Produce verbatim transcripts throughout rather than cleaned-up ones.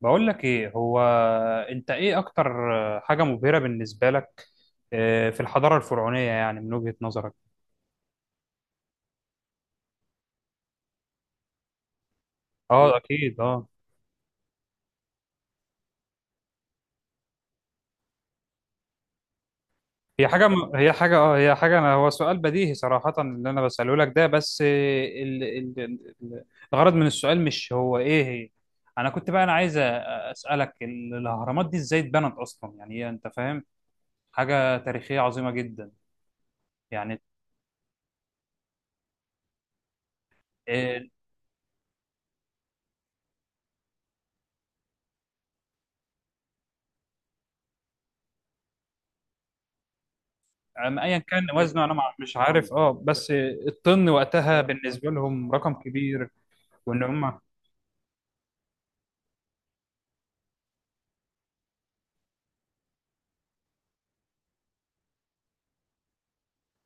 بقول لك ايه هو. انت ايه اكتر حاجة مبهرة بالنسبة لك آه، في الحضارة الفرعونية يعني من وجهة نظرك؟ اه اكيد اه. هي حاجة م... هي حاجة اه هي حاجة، أنا هو سؤال بديهي صراحة اللي انا بسأله لك ده، بس آه، ال... ال... ال- الغرض من السؤال مش هو ايه هي. انا كنت بقى انا عايز أ- اسألك ال- الاهرامات دي ازاي اتبنت اصلا، يعني هي انت فاهم حاجة تاريخية عظيمة جدا يعني. آه، أم ايا كان وزنه انا مع- مش عارف اه، بس الطن وقتها بالنسبه لهم رقم كبير. وان هم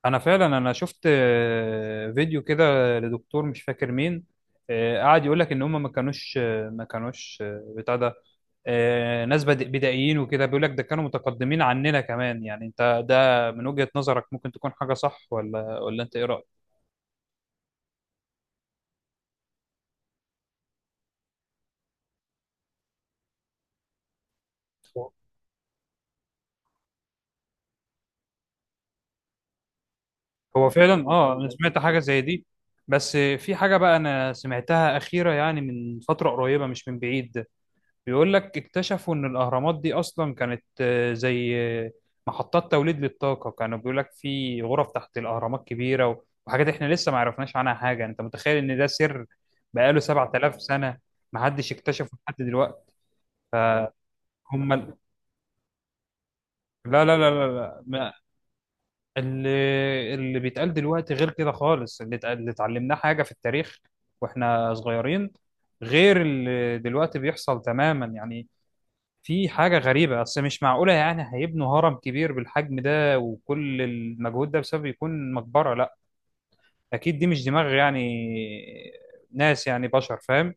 انا فعلا انا شفت آه، فيديو كده لدكتور مش فاكر مين. آه، قعد يقول لك ان هم ما كانوش آه، ما كانوش آه، بتاع ده، آه، ناس بدأ- بدائيين وكده، بيقول لك ده كانوا متقدمين عننا كمان. يعني انت ده من وجهة نظرك ممكن تكون حاجه صح، ولا ولا انت ايه رأيك؟ هو فعلا اه، انا سمعت حاجه زي دي. بس في حاجه بقى انا سمعتها اخيره، يعني من فتره قريبه مش من بعيد. بيقول لك اكتشفوا ان الاهرامات دي اصلا كانت آه، زي آه، محطات توليد للطاقه، كانوا بيقول لك في غرف تحت الاهرامات كبيره وحاجات احنا لسه ما عرفناش عنها حاجه. انت متخيل ان ده سر بقاله سبعة آلاف سنه ما حدش اكتشفه لحد دلوقتي! هم، لا لا لا لا لا. اللي اللي بيتقال دلوقتي غير كده خالص. اللي اتق- اللي اتعلمناه حاجة في التاريخ واحنا صغيرين، غير اللي دلوقتي بيحصل تماما يعني. في حاجة غريبة أصل مش معقولة، يعني هيبنوا هرم كبير بالحجم ده وكل المجهود ده بسبب يكون مقبرة؟ لا، أكيد دي مش دماغ يعني ناس، يعني بشر فاهم.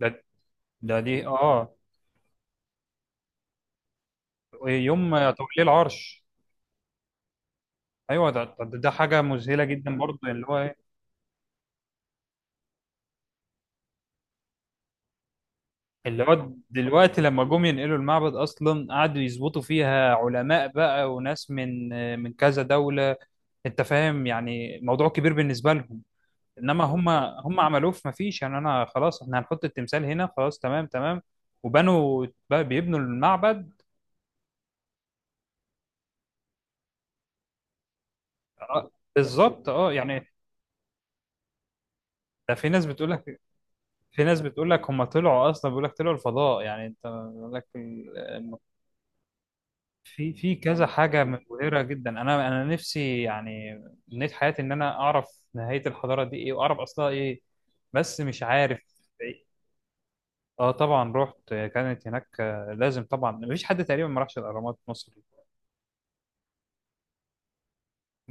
ده ده دي اه يوم توليه العرش. أيوه، ده ده ده حاجة مذهلة جدا برضه. اللي هو إيه؟ اللي هو دلوقتي لما جم ينقلوا المعبد اصلا قعدوا يظبطوا فيها علماء بقى وناس من من كذا دولة. انت فاهم، يعني موضوع كبير بالنسبة لهم. انما هم هم عملوه. في مفيش يعني، انا خلاص احنا هنحط التمثال هنا خلاص تمام تمام، وبنوا بقى بيبنوا المعبد. آه، بالظبط اه يعني. ده في ناس بتقول لك، في ناس بتقول لك هم طلعوا اصلا، بيقول لك طلعوا الفضاء يعني، انت بيقول لك. في في كذا حاجة مبهرة جدا. أنا أنا نفسي يعني من حياتي إن أنا أعرف نهاية الحضارة دي إيه وأعرف أصلها إيه، بس مش عارف. إيه. أه طبعا رحت. كانت هناك آه، لازم طبعا، مفيش حد تقريبا ما راحش الأهرامات في مصر.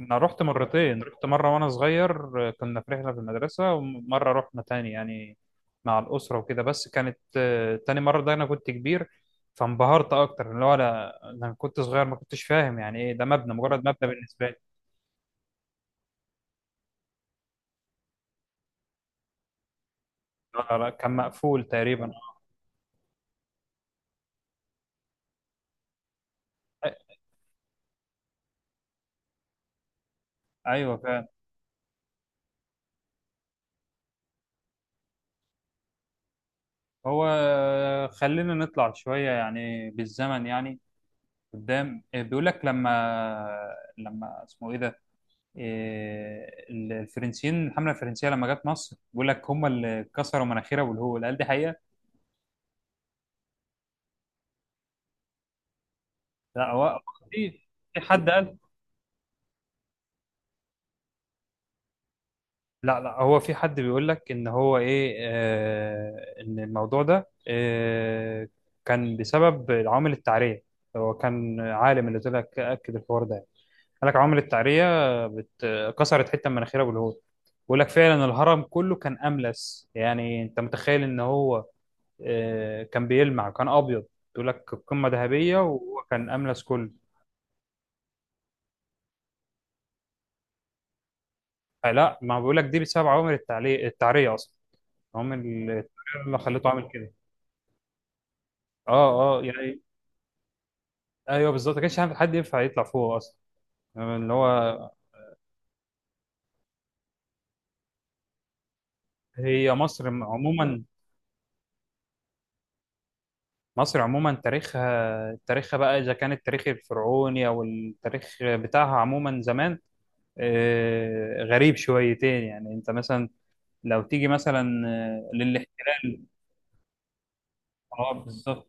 أنا رحت مرتين، رحت مرة وأنا صغير، آه، كنا في رحلة في المدرسة، ومرة رحنا تاني يعني مع الأسرة وكده، بس كانت آه، تاني مرة ده أنا كنت كبير، فانبهرت أكتر. اللي هو أنا أنا كنت صغير ما كنتش فاهم يعني إيه ده، مبنى مجرد مبنى بالنسبة لي. لا لا، كان مقفول تقريبا. أ- ايوه فعلا. هو آه، خلينا نطلع شويه يعني بالزمن يعني قدام. آه، بيقول لك لما لما اسمه ايه ده، آه، ال- الفرنسيين، الحمله الفرنسيه لما جت مصر، بيقول لك هم اللي كسروا مناخيرها والهول. قال دي حقيقه. لا هو، في في حد قال، لا لا هو في حد بيقول لك ان هو ايه، آه، ان الموضوع ده آه، كان بسبب العوامل التعريه. هو كان عالم اللي طلع اكد الحوار ده، قال لك عمر التعرية بت... كسرت حتة من مناخيرها بالهول. بيقول لك فعلا الهرم كله كان أملس. يعني أنت متخيل إن هو آه، كان بيلمع، كان أبيض! بيقول لك قمة ذهبية وهو كان أملس كله. آه، لا، ما بيقول لك دي بسبب عوامل التعلي... التعرية أصلا. عوامل التعرية اللي خليته عامل كده. أه أه يعني، أيوه بالظبط، ما كانش حد ينفع يطلع فوق أصلا. يعني اللي هو هي مصر عموما. مصر عموما، تاريخها تاريخها بقى، إذا كان التاريخ الفرعوني أو التاريخ بتاعها عموما زمان، آه، غريب شويتين يعني. أنت مثلا لو تيجي مثلا آه، للاحتلال. اه بالظبط،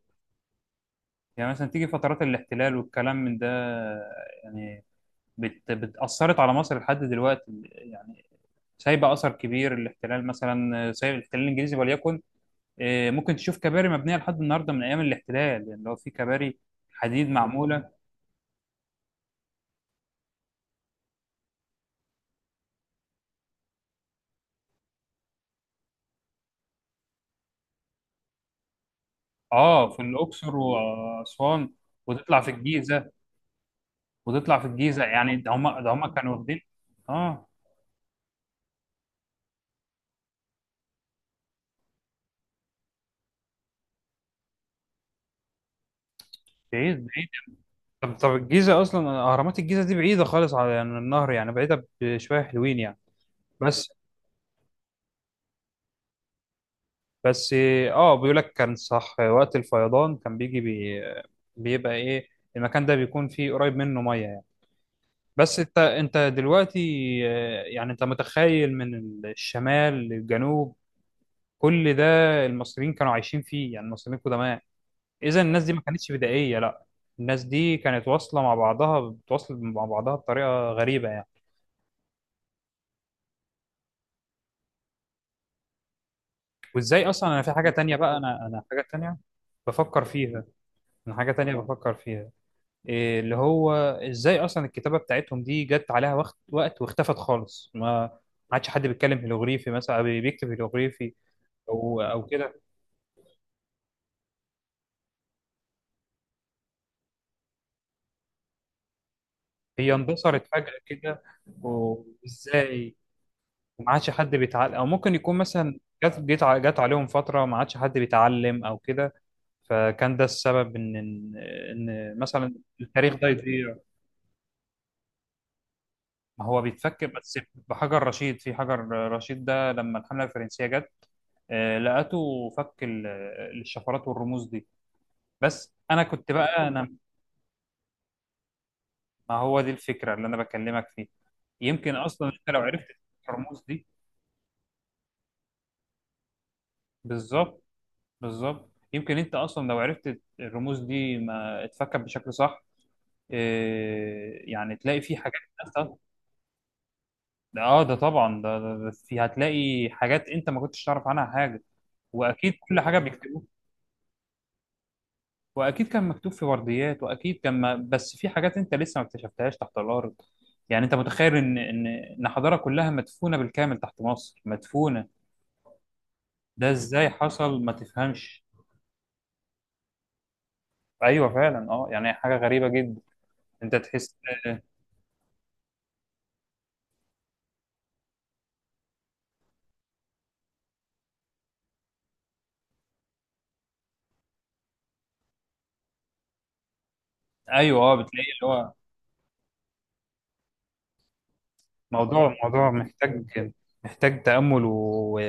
يعني مثلا تيجي فترات الاحتلال والكلام من ده يعني بت... بتأثرت على مصر لحد دلوقتي، يعني سايبة أثر كبير الاحتلال. مثلا آه، سايب الاحتلال الإنجليزي وليكن، آه، ممكن تشوف كباري مبنية لحد النهاردة من أيام الاحتلال، يعني لو في كباري حديد معمولة. اه في الاقصر واسوان. وتطلع في الجيزه وتطلع في الجيزه، يعني ده هم ده هم كانوا واخدين اه. بعيد بعيد. طب طب الجيزه اصلا، اهرامات الجيزه دي بعيده خالص على يعني النهر، يعني بعيده بشويه حلوين يعني. بس بس اه، بيقول لك كان صح، وقت الفيضان كان بيجي بي بيبقى ايه المكان ده، بيكون فيه قريب منه ميه يعني. بس انت انت دلوقتي آه، يعني انت متخيل من الشمال للجنوب كل ده المصريين كانوا عايشين فيه، يعني المصريين القدماء. اذا الناس دي ما كانتش بدائيه، لا، الناس دي كانت واصله مع بعضها، بتواصل مع بعضها بطريقه غريبه يعني. وازاي اصلا انا في حاجه تانية بقى، انا انا حاجه تانية بفكر فيها، انا حاجه تانية بفكر فيها. إيه اللي هو، ازاي اصلا الكتابه بتاعتهم دي جت عليها وقت وقت واختفت خالص؟ ما ما عادش حد بيتكلم هيروغليفي مثلا او بيكتب هيروغليفي او او كده. هي اندثرت فجاه كده، وازاي ما عادش حد بيتعلم، او ممكن يكون مثلا جت جت ع- جت عليهم فتره ما عادش حد بيتعلم او كده، فكان ده السبب ان ان إن مثلا التاريخ ده يضيع. ما هو بيتفكر بس بحجر رشيد، في حجر رشيد ده لما الحمله الفرنسيه جت آه، لقته فك ال- الشفرات والرموز دي. بس انا كنت بقى انا، ما هو دي الفكره اللي انا بكلمك فيها. يمكن اصلا انت لو عرفت الرموز دي بالظبط. بالظبط، يمكن انت اصلا لو عرفت الرموز دي ما اتفكت بشكل صح. إيه، يعني تلاقي فيه حاجات نازلة- اه ده طبعا، ده, ده, ده في هتلاقي حاجات انت ما كنتش تعرف عنها حاجه، واكيد كل حاجه بيكتبوها، واكيد كان مكتوب في ورديات، واكيد كان، ما بس في حاجات انت لسه ما اكتشفتهاش تحت الارض. يعني انت متخيل ان ان ان حضاره كلها مدفونه بالكامل تحت مصر مدفونه، ده ازاي حصل ما تفهمش. ايوه فعلا اه، يعني حاجه غريبه جدا، انت تحس. ايوه اه بتلاقي اللي هو. موضوع موضوع محتاج، محتاج تامل و...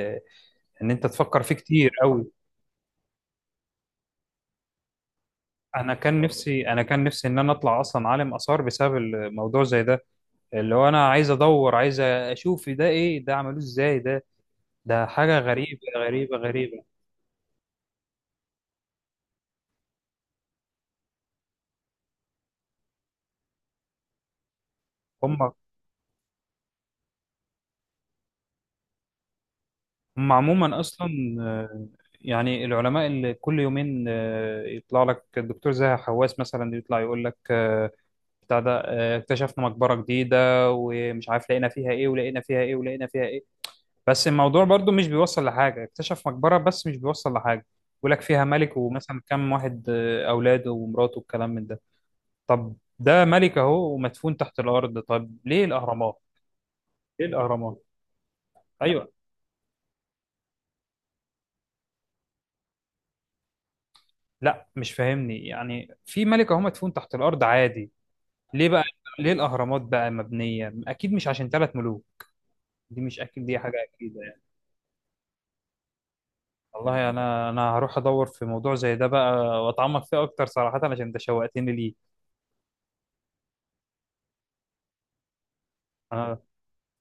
ان انت تفكر فيه كتير قوي. انا كان نفسي انا كان نفسي ان انا اطلع اصلا عالم اثار بسبب الموضوع زي ده، اللي هو انا عايز ادور، عايز اشوف ده ايه، ده عملوه ازاي، ده ده حاجه غريبه غريبه غريبه. هم هم عموما اصلا، آه، يعني العلماء اللي كل يومين آه، يطلع لك الدكتور زاهي حواس مثلا يطلع يقول لك آه، بتاع ده آه، اكتشفنا مقبره جديده، ومش عارف لقينا فيها ايه ولقينا فيها ايه ولقينا فيها ايه. بس الموضوع برضو مش بيوصل لحاجة، اكتشف مقبرة بس مش بيوصل لحاجة، يقول لك فيها ملك ومثلا كم واحد آه، أولاده ومراته والكلام من ده. طب ده ملك أهو ومدفون تحت الأرض، طب ليه الأهرامات؟ ليه الأهرامات؟ أيوه. لا مش فاهمني، يعني في ملك أهو مدفون تحت الأرض عادي، ليه بقى ليه الأهرامات بقى مبنية؟ أكيد مش عشان ثلاث ملوك دي، مش أكيد دي حاجة أكيدة يعني. والله أنا أنا هروح أدور في موضوع زي ده بقى، وأتعمق فيه أكتر صراحة، عشان أنت شوقتني ليه. أنا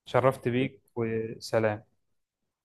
شرفت بيك وسلام.